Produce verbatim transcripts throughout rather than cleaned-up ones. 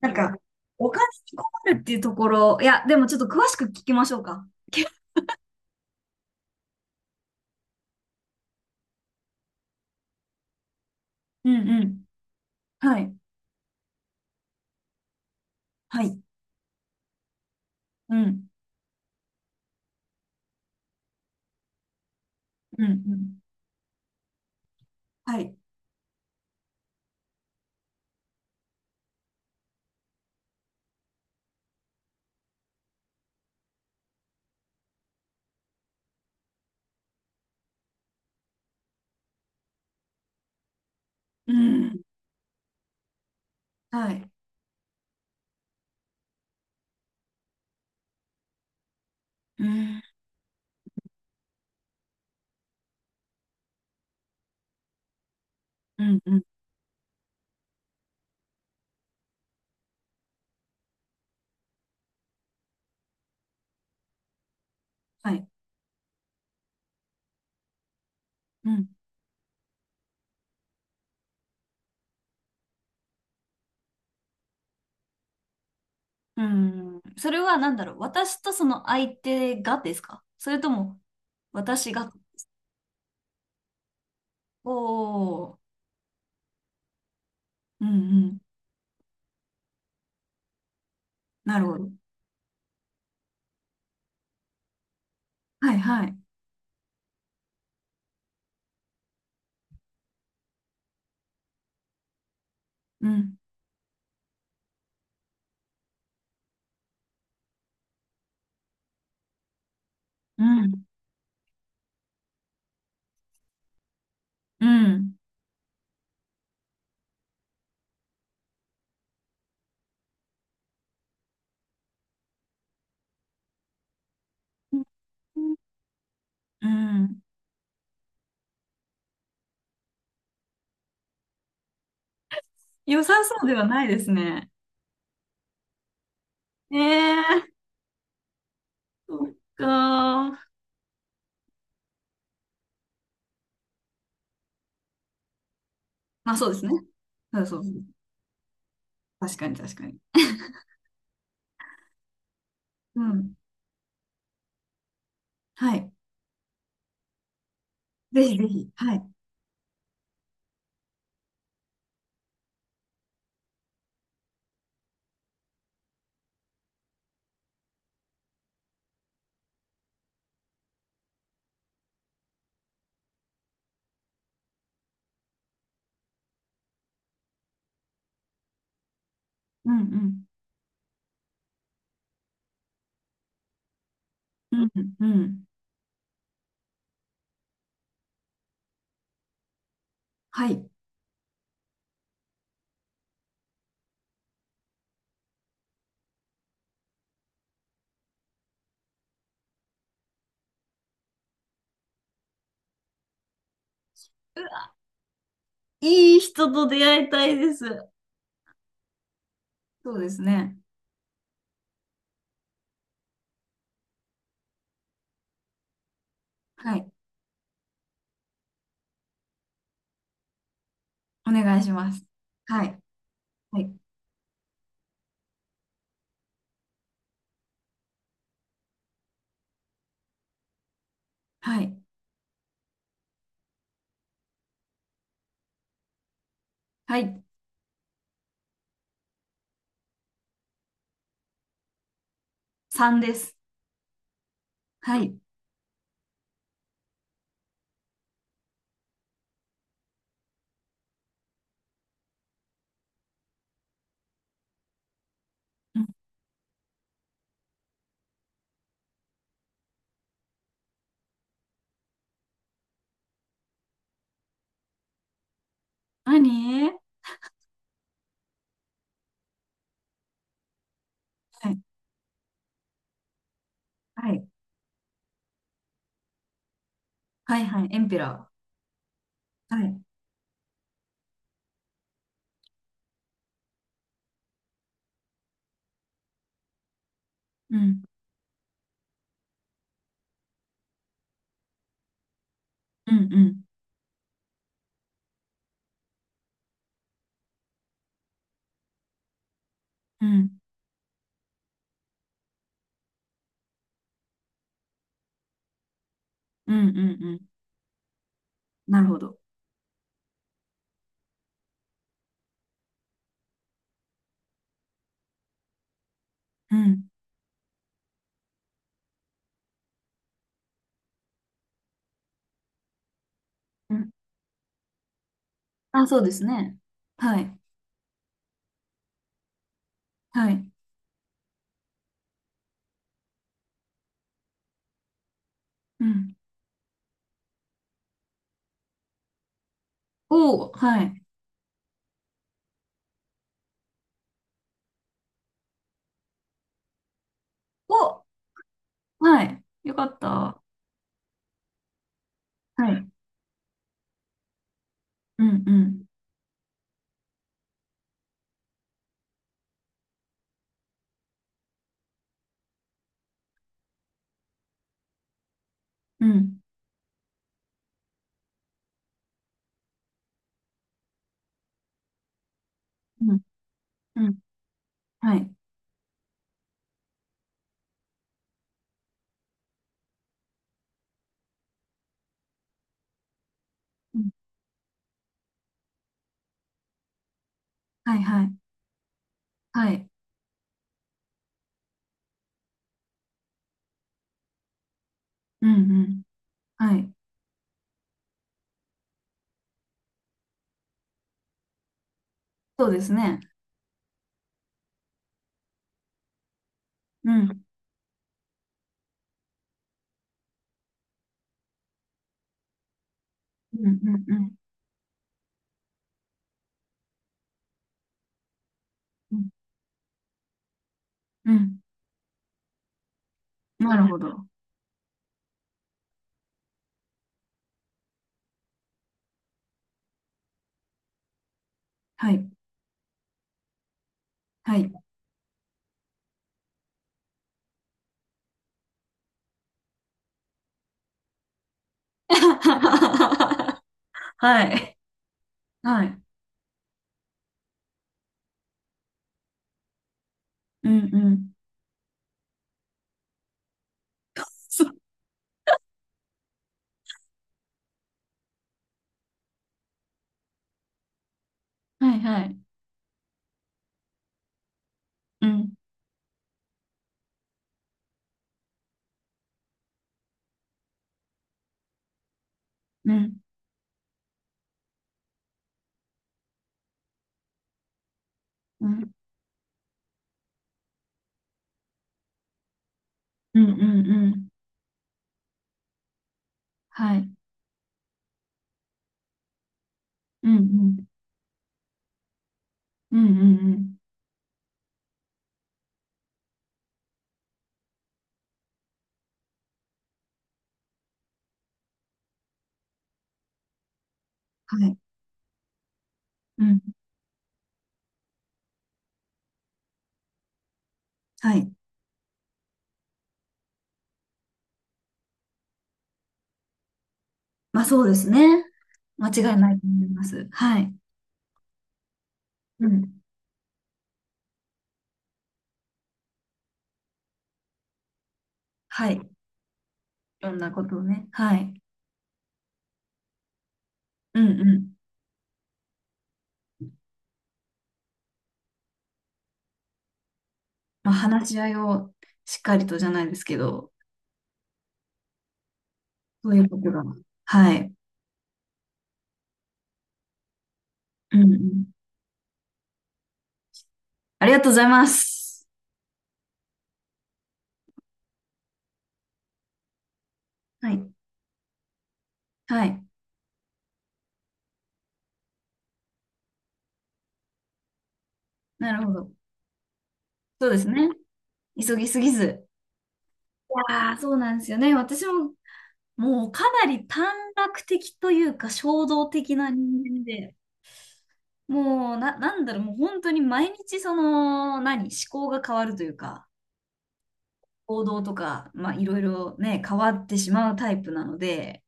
なんか、お金に困るっていうところ、いや、でもちょっと詳しく聞きましょうか。うんうん。はい。はい。うん。うんうん。はい。うん。はい。うん。うんうん。はい。うん。うんそれは何だろう。私とその相手がですか、それとも、私が。おお。うんうん。なるほど。はいはい。うん。うん。うん。うん。うん良さそうではないですね。ええ。そっか。まあそうですね。そうそう、確かに、確かに。うん。はい。ぜひぜひ。はい。うんうん。うんうん。うんはい。うわ、いい人と出会いたいです。そうですね。はい。お願いします。はい。はい。はい。はい。さんです。はい。うん。何はい。はい。はいはい。エンペラー。はい。うん。うんうん。うん。うんうんうん。なるほど。うん。うん。あ、そうですね。はい。はい。うん。おー、はい。を、はい。よかった。はい。うん、うん、うん、うん、うん。はい。うん、はい、はい。はい。うん、うん。はい。そうですね。うん、うん、うん、うん、うん。うんなるほど。はい。はい。はい。はい。うん、うん。そう、はい、はい。うん、うん、うん、うん、うん、うん。はい。うん、うん、うん、うん、うん。はい。うん、はい。まあそうですね。間違いないと思います。はい。うん。はい。いろんなことをね。はい。うんうん。まあ、話し合いをしっかりとじゃないですけど、そういうことが。はい。うんうん。ありがとうございます。はい。はい。なるほど。そうですね。急ぎすぎず。いやー、そうなんですよね。私も、もうかなり短絡的というか、衝動的な人間で、もう、な、なんだろう、もう本当に毎日その、何、思考が変わるというか、行動とか、まあ、いろいろね、変わってしまうタイプなので、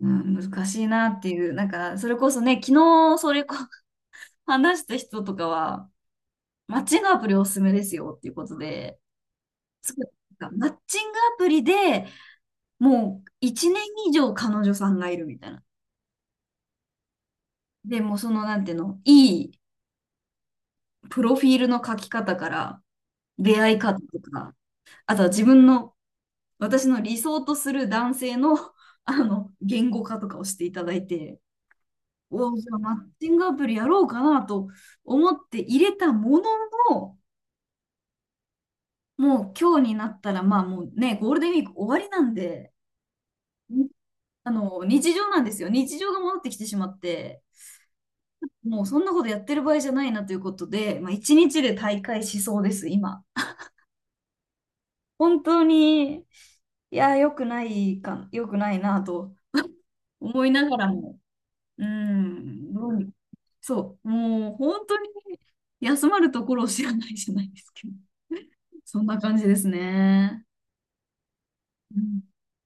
うん、難しいなっていう、なんか、それこそね、昨日、それこ、話した人とかは、マッチングアプリおすすめですよっていうことで、すごいマッチングアプリでもういちねん以上彼女さんがいるみたいな。で、もうその、なんていうの、いいプロフィールの書き方から、出会い方とか、あとは自分の、私の理想とする男性の、あの、言語化とかをしていただいて、おじゃあマッチングアプリやろうかなと思って入れたものの、もう今日になったら、まあもうね、ゴールデンウィーク終わりなんで、んあの、日常なんですよ。日常が戻ってきてしまって、もうそんなことやってる場合じゃないなということで、まあいちにちで大会しそうです、今。本当に、いや、良くないか、良くないなと思いながらも、うん、どうにそう、もう本当に休まるところを知らないじゃないですけど。そんな感じですね。うん